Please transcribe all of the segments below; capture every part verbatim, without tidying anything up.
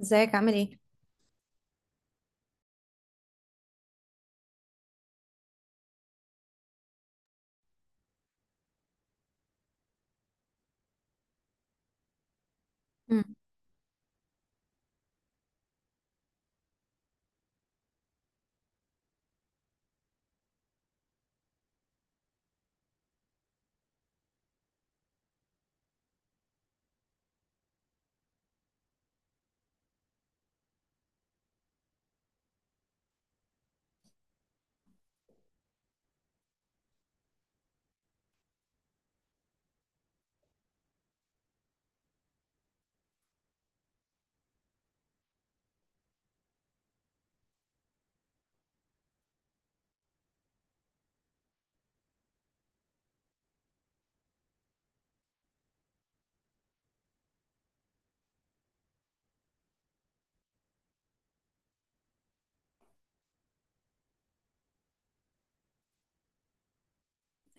ازيك عامل ايه؟ مم.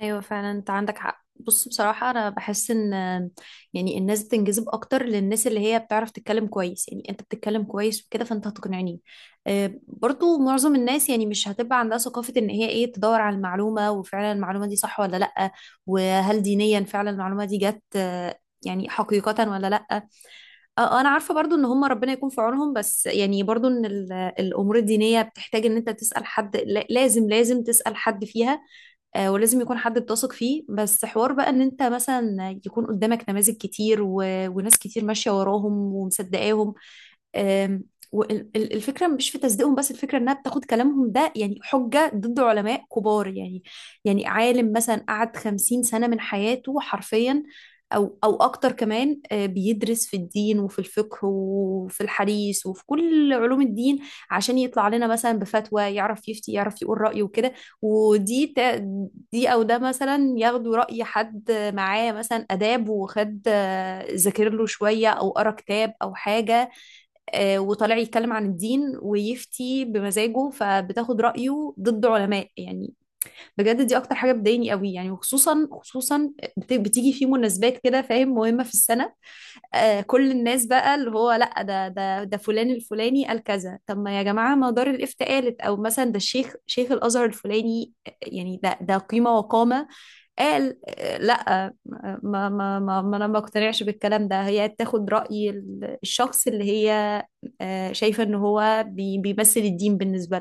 ايوه، فعلا انت عندك حق. بص، بصراحه انا بحس ان يعني الناس بتنجذب اكتر للناس اللي هي بتعرف تتكلم كويس، يعني انت بتتكلم كويس وكده فانت هتقنعني. آه، برضو معظم الناس يعني مش هتبقى عندها ثقافه ان هي ايه تدور على المعلومه، وفعلا المعلومه دي صح ولا لا؟ وهل دينيا فعلا المعلومه دي جت، آه، يعني حقيقه ولا لا؟ آه، آه، انا عارفه برضو ان هم ربنا يكون في عونهم. بس يعني برضو ان ال- الامور الدينيه بتحتاج ان انت تسال حد، لا- لازم لازم تسال حد فيها. آه، ولازم يكون حد بتثق فيه. بس حوار بقى ان انت مثلا يكون قدامك نماذج كتير و... وناس كتير ماشية وراهم ومصدقاهم. والفكره مش في تصديقهم، بس الفكره انها بتاخد كلامهم ده يعني حجه ضد علماء كبار، يعني يعني عالم مثلا قعد خمسين سنه من حياته حرفيا، او او اكتر كمان، آه، بيدرس في الدين وفي الفقه وفي الحديث وفي كل علوم الدين عشان يطلع لنا مثلا بفتوى، يعرف يفتي يعرف يقول رأيه وكده. ودي تا- دي او ده مثلا ياخدوا رأي حد معاه مثلا آداب، وخد آه، ذاكر له شوية او قرا كتاب او حاجة، آه، وطالع يتكلم عن الدين ويفتي بمزاجه، فبتاخد رأيه ضد علماء يعني. بجد دي اكتر حاجة بتضايقني قوي يعني، وخصوصا خصوصا بت- بتيجي في مناسبات كده، فاهم، مهمة في السنة. آه كل الناس بقى اللي هو لا، ده ده ده فلان الفلاني قال كذا. طب ما يا جماعة مدار الإفتاء قالت، أو مثلا ده الشيخ شيخ الأزهر الفلاني، آه، يعني ده ده قيمة وقامة. قال آه، لا آه، ما ما ما, ما أنا ما اقتنعش بالكلام ده. هي تاخد رأي ال- الشخص اللي هي آه، شايفة إن هو بي- بيمثل الدين بالنسبة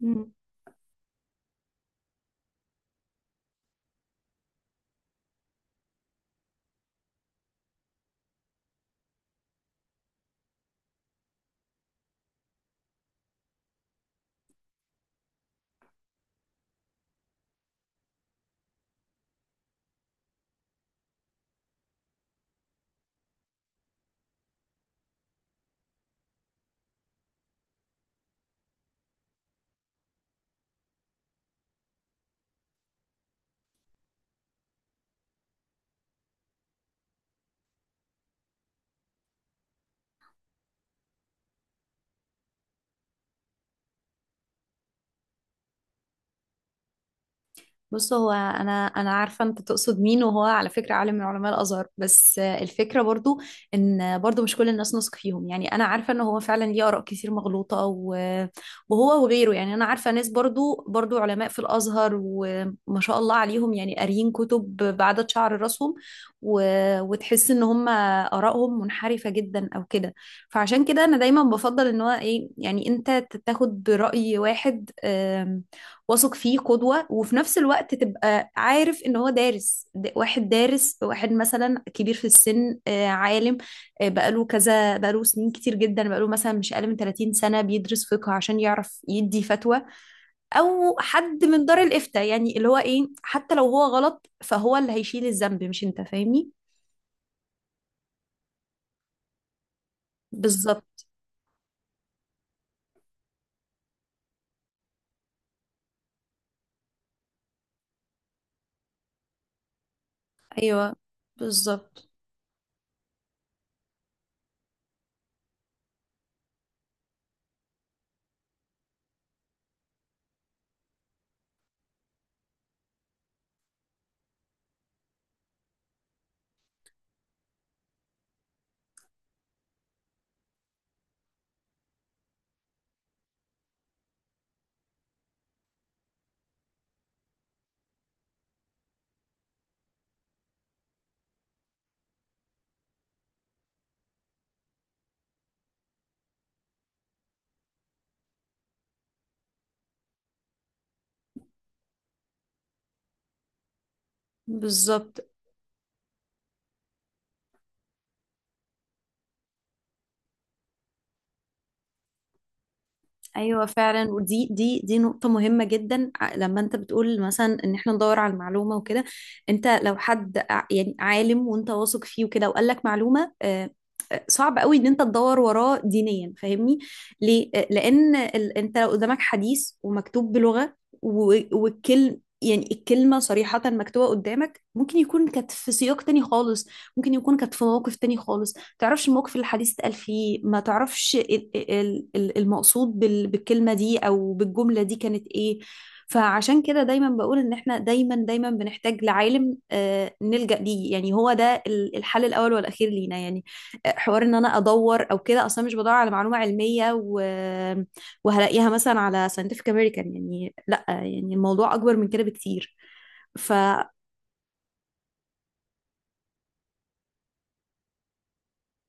لها. بص، هو انا انا عارفه انت تقصد مين، وهو على فكره عالم من علماء الازهر. بس الفكره برضو ان برضو مش كل الناس نثق فيهم، يعني انا عارفه ان هو فعلا ليه اراء كتير مغلوطه، و- وهو وغيره. يعني انا عارفه ناس برضو، برضو علماء في الازهر وما شاء الله عليهم، يعني قاريين كتب بعدد شعر راسهم، و- وتحس ان هم ارائهم منحرفه جدا او كده. فعشان كده انا دايما بفضل ان هو ايه، يعني انت تاخد براي واحد آم، واثق فيه قدوة، وفي نفس الوقت تبقى عارف ان هو دارس، د- واحد دارس، واحد مثلا كبير في السن، آه، عالم، آه، بقاله كذا بقاله سنين كتير جدا، بقاله مثلا مش اقل من ثلاثين سنة بيدرس فقه عشان يعرف يدي فتوى، او حد من دار الافتاء. يعني اللي هو ايه حتى لو هو غلط فهو اللي هيشيل الذنب، مش انت، فاهمني؟ بالظبط. ايوه بالظبط، بالظبط. ايوه فعلا، ودي دي دي نقطة مهمة جدا. ع- لما انت بتقول مثلا ان احنا ندور على المعلومة وكده، انت لو حد ع- يعني عالم وانت واثق فيه وكده وقال لك معلومة، آه، آه، صعب قوي ان انت تدور وراه دينيا، فاهمني ليه؟ آه، لان ال- انت لو قدامك حديث ومكتوب بلغة، و- والكلم يعني الكلمة صريحة مكتوبة قدامك، ممكن يكون كانت في سياق تاني خالص، ممكن يكون كانت في موقف تاني خالص، تعرفش الموقف اللي الحديث اتقال فيه، ما تعرفش ال- ال- ال- المقصود بال- بالكلمة دي أو بالجملة دي كانت إيه. فعشان كده دايما بقول إن إحنا دايما دايما بنحتاج لعالم، آه، نلجأ ليه، يعني هو ده ال- الحل الأول والأخير لينا يعني. آه، حوار إن أنا أدور أو كده، أصلا مش بدور على معلومة علمية و- وهلاقيها مثلا على scientific American، يعني لأ، يعني الموضوع أكبر من كده بكتير.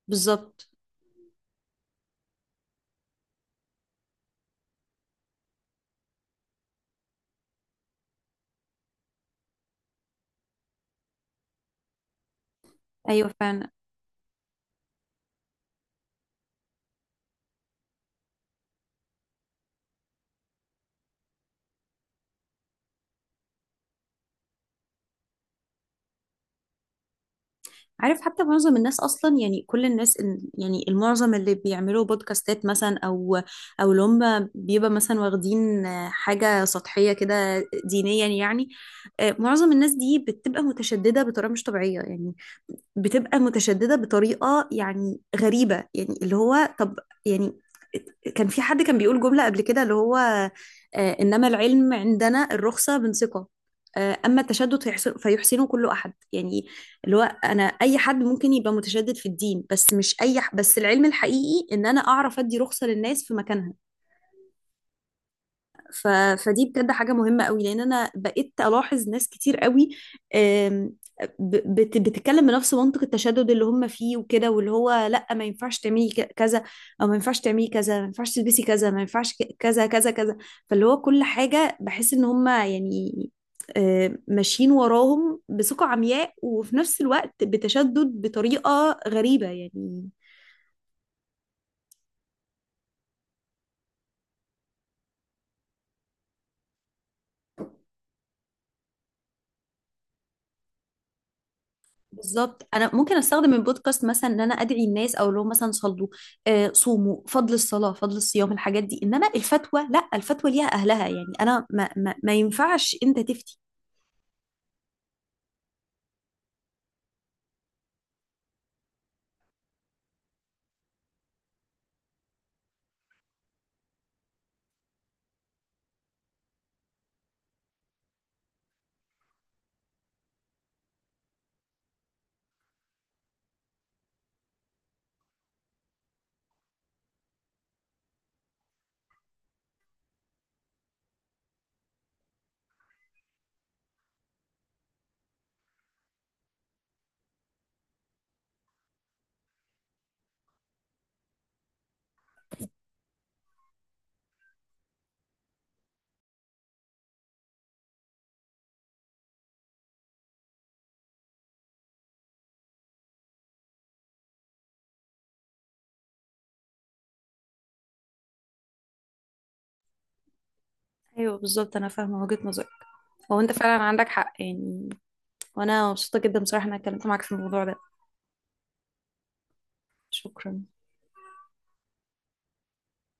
فبالظبط. أيوه فعلا. عارف، حتى معظم الناس اصلا، يعني كل الناس ال- يعني المعظم اللي بيعملوا بودكاستات مثلا، او او اللي هم بيبقى مثلا واخدين آه، حاجه سطحيه كده دينيا يعني. آه، معظم الناس دي بتبقى متشدده بطريقه مش طبيعيه يعني، بتبقى متشددة بطريقة يعني غريبة، يعني اللي هو طب، يعني كان في حد كان بيقول جملة قبل كده اللي هو، آه، إنما العلم عندنا الرخصة من ثقة، آه، أما التشدد فيحسن- فيحسنه كل أحد يعني. اللي هو أنا أي حد ممكن يبقى متشدد في الدين، بس مش أي ح- بس العلم الحقيقي إن أنا أعرف أدي رخصة للناس في مكانها. ف... فدي بجد حاجة مهمة قوي، لأن أنا بقيت ألاحظ ناس كتير قوي آم، ب- بت... بتتكلم بنفس منطق التشدد اللي هم فيه وكده، واللي هو لأ، ما ينفعش تعملي ك- كذا، أو ما ينفعش تعملي كذا، ما ينفعش تلبسي كذا، ما ينفعش ك- كذا كذا كذا. فاللي هو كل حاجة بحس إن هم يعني آم، ماشيين وراهم بثقة عمياء، وفي نفس الوقت بتشدد بطريقة غريبة يعني. بالظبط، انا ممكن استخدم البودكاست مثلا ان انا ادعي الناس، او لو مثلا صلوا آه، صوموا، فضل الصلاه، فضل الصيام، الحاجات دي، انما الفتوى لا، الفتوى ليها اهلها، يعني انا ما, ما, ما ينفعش انت تفتي. ايوه بالظبط، انا فاهمه وجهه نظرك، هو انت فعلا عندك حق يعني. وانا مبسوطه جدا بصراحه ان انا اتكلمت معاك في الموضوع ده. شكرا.